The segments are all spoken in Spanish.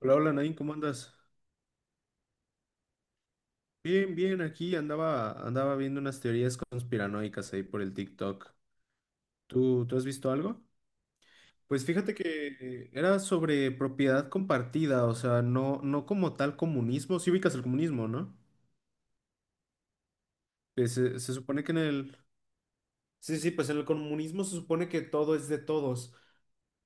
Hola, hola Nain, ¿cómo andas? Bien, bien, aquí andaba, andaba viendo unas teorías conspiranoicas ahí por el TikTok. ¿¿Tú has visto algo? Pues fíjate que era sobre propiedad compartida, o sea, no, no como tal comunismo. Sí ubicas el comunismo, ¿no? Que se supone que en el... Sí, sí, pues en el comunismo se supone que todo es de todos.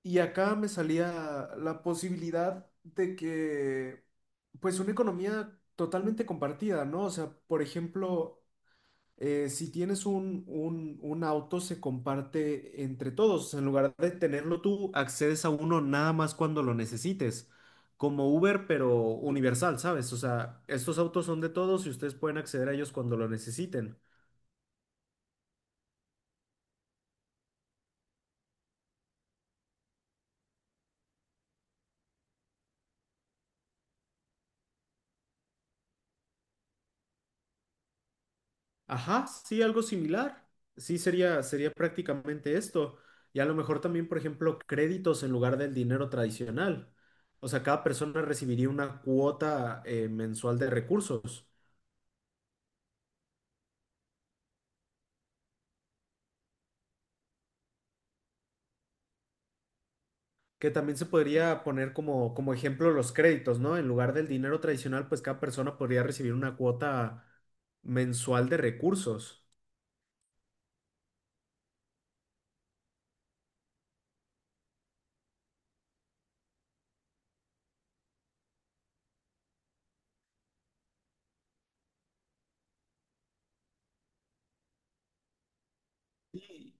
Y acá me salía la posibilidad de que, pues, una economía totalmente compartida, ¿no? O sea, por ejemplo... si tienes un auto, se comparte entre todos. En lugar de tenerlo tú, accedes a uno nada más cuando lo necesites. Como Uber, pero universal, ¿sabes? O sea, estos autos son de todos y ustedes pueden acceder a ellos cuando lo necesiten. Ajá, sí, algo similar. Sí, sería prácticamente esto. Y a lo mejor también, por ejemplo, créditos en lugar del dinero tradicional. O sea, cada persona recibiría una cuota mensual de recursos. Que también se podría poner como, como ejemplo los créditos, ¿no? En lugar del dinero tradicional, pues cada persona podría recibir una cuota mensual de recursos. Sí,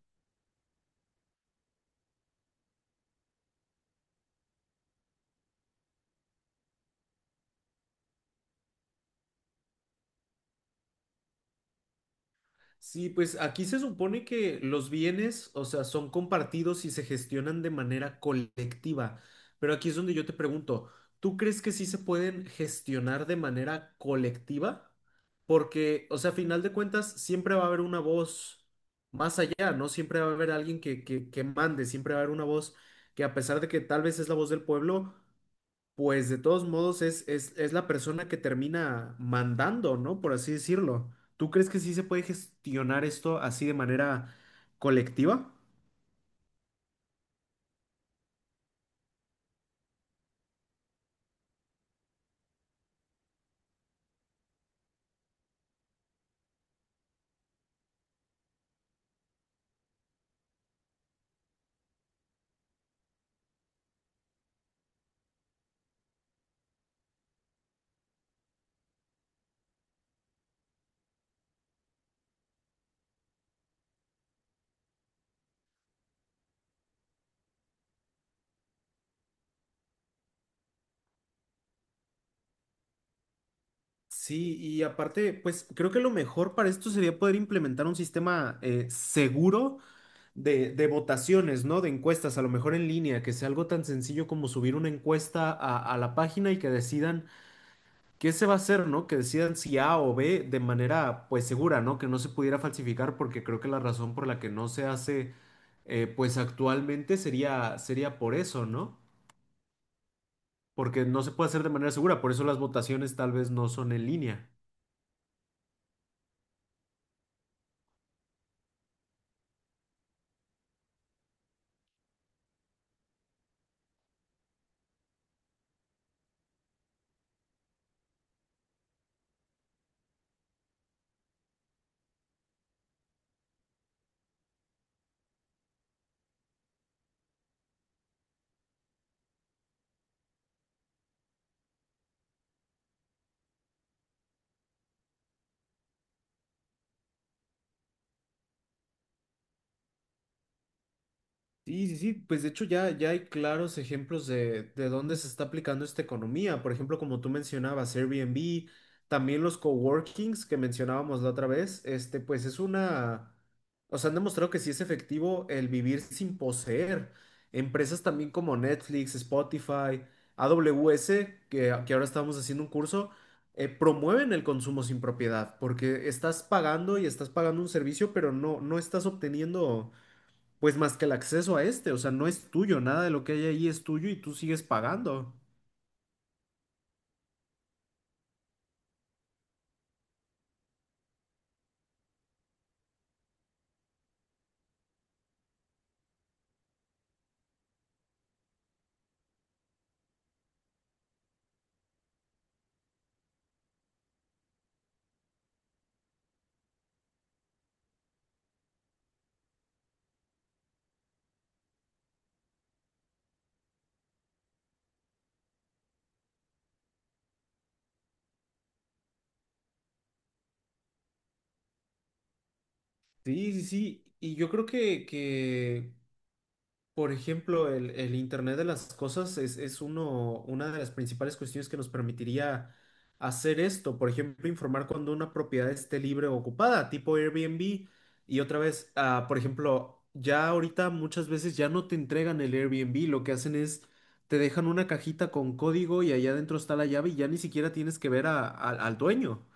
sí, pues aquí se supone que los bienes, o sea, son compartidos y se gestionan de manera colectiva. Pero aquí es donde yo te pregunto, ¿tú crees que sí se pueden gestionar de manera colectiva? Porque, o sea, a final de cuentas, siempre va a haber una voz más allá, ¿no? Siempre va a haber alguien que mande, siempre va a haber una voz que a pesar de que tal vez es la voz del pueblo, pues de todos modos es la persona que termina mandando, ¿no? Por así decirlo. ¿Tú crees que sí se puede gestionar esto así de manera colectiva? Sí, y aparte, pues creo que lo mejor para esto sería poder implementar un sistema seguro de votaciones, ¿no? De encuestas, a lo mejor en línea, que sea algo tan sencillo como subir una encuesta a la página y que decidan ¿qué se va a hacer, no? Que decidan si A o B de manera, pues, segura, ¿no? Que no se pudiera falsificar, porque creo que la razón por la que no se hace, pues, actualmente sería por eso, ¿no? Porque no se puede hacer de manera segura, por eso las votaciones tal vez no son en línea. Sí, sí, sí, pues de hecho ya hay claros ejemplos de dónde se está aplicando esta economía. Por ejemplo, como tú mencionabas, Airbnb, también los coworkings que mencionábamos la otra vez, este, pues es una, o sea, han demostrado que sí es efectivo el vivir sin poseer. Empresas también como Netflix, Spotify, AWS, que ahora estamos haciendo un curso, promueven el consumo sin propiedad, porque estás pagando y estás pagando un servicio, pero no, no estás obteniendo pues más que el acceso a este, o sea, no es tuyo, nada de lo que hay ahí es tuyo y tú sigues pagando. Sí, sí, sí. Y yo creo que por ejemplo, el Internet de las cosas es uno, una de las principales cuestiones que nos permitiría hacer esto. Por ejemplo, informar cuando una propiedad esté libre o ocupada, tipo Airbnb. Y otra vez, ah, por ejemplo, ya ahorita muchas veces ya no te entregan el Airbnb, lo que hacen es te dejan una cajita con código y allá adentro está la llave y ya ni siquiera tienes que ver al dueño.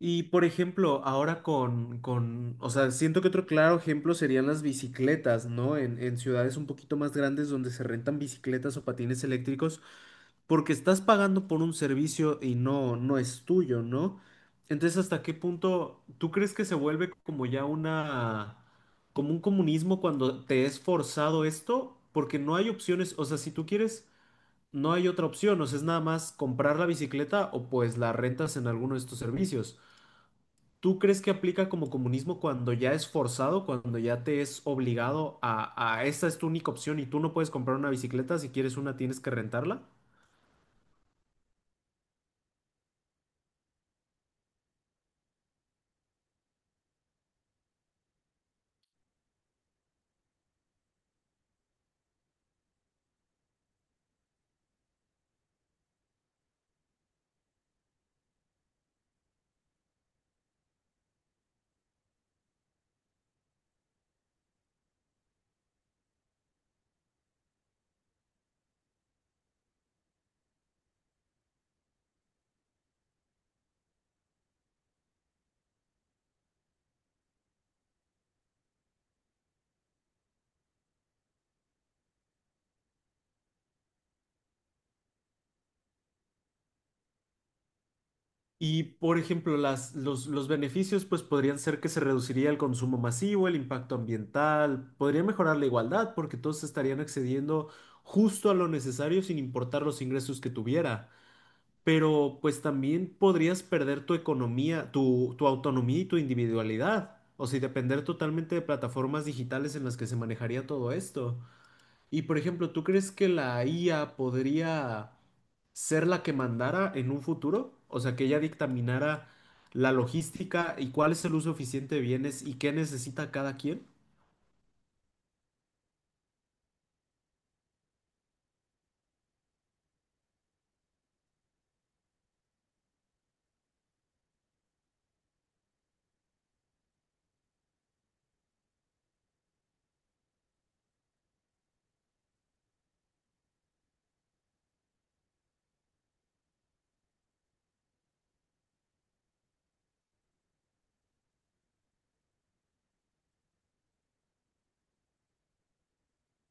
Y por ejemplo, ahora con, o sea, siento que otro claro ejemplo serían las bicicletas, ¿no? En ciudades un poquito más grandes donde se rentan bicicletas o patines eléctricos, porque estás pagando por un servicio y no, no es tuyo, ¿no? Entonces, ¿hasta qué punto tú crees que se vuelve como ya una, como un comunismo cuando te es forzado esto? Porque no hay opciones, o sea, si tú quieres, no hay otra opción, o sea, es nada más comprar la bicicleta o pues la rentas en alguno de estos servicios. ¿Tú crees que aplica como comunismo cuando ya es forzado, cuando ya te es obligado a esta es tu única opción y tú no puedes comprar una bicicleta, si quieres una tienes que rentarla? Y por ejemplo, las, los beneficios pues podrían ser que se reduciría el consumo masivo, el impacto ambiental, podría mejorar la igualdad porque todos estarían accediendo justo a lo necesario sin importar los ingresos que tuviera. Pero pues también podrías perder tu economía, tu autonomía y tu individualidad, o si depender totalmente de plataformas digitales en las que se manejaría todo esto. Y por ejemplo, ¿tú crees que la IA podría ser la que mandara en un futuro? O sea, que ella dictaminara la logística y cuál es el uso eficiente de bienes y qué necesita cada quien.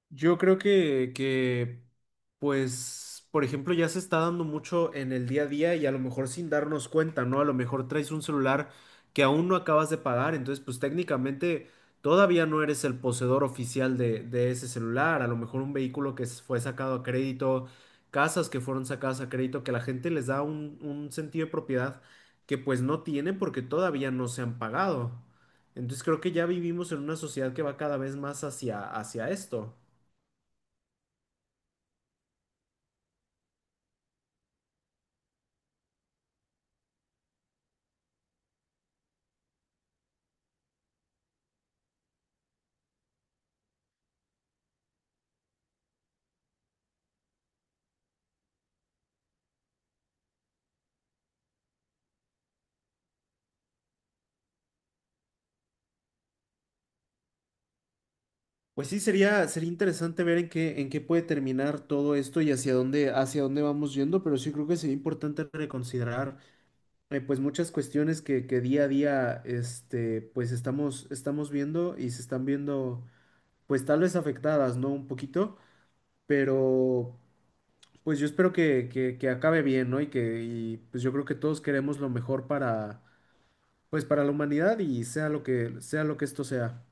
Yo creo que, pues, por ejemplo, ya se está dando mucho en el día a día y a lo mejor sin darnos cuenta, ¿no? A lo mejor traes un celular que aún no acabas de pagar, entonces, pues técnicamente todavía no eres el poseedor oficial de ese celular, a lo mejor un vehículo que fue sacado a crédito, casas que fueron sacadas a crédito, que la gente les da un sentido de propiedad que pues no tiene porque todavía no se han pagado. Entonces creo que ya vivimos en una sociedad que va cada vez más hacia, hacia esto. Pues sí, sería interesante ver en qué puede terminar todo esto y hacia dónde vamos yendo, pero sí creo que sería importante reconsiderar pues muchas cuestiones que día a día este, pues estamos, estamos viendo y se están viendo pues tal vez afectadas, ¿no? Un poquito, pero pues yo espero que acabe bien, ¿no? Y que y, pues yo creo que todos queremos lo mejor para pues para la humanidad y sea lo que esto sea.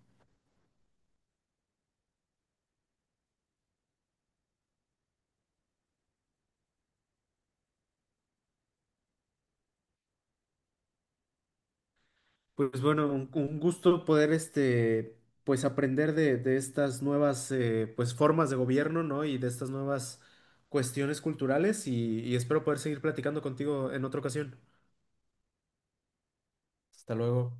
Pues bueno, un gusto poder este, pues aprender de estas nuevas pues formas de gobierno, ¿no? Y de estas nuevas cuestiones culturales y espero poder seguir platicando contigo en otra ocasión. Hasta luego.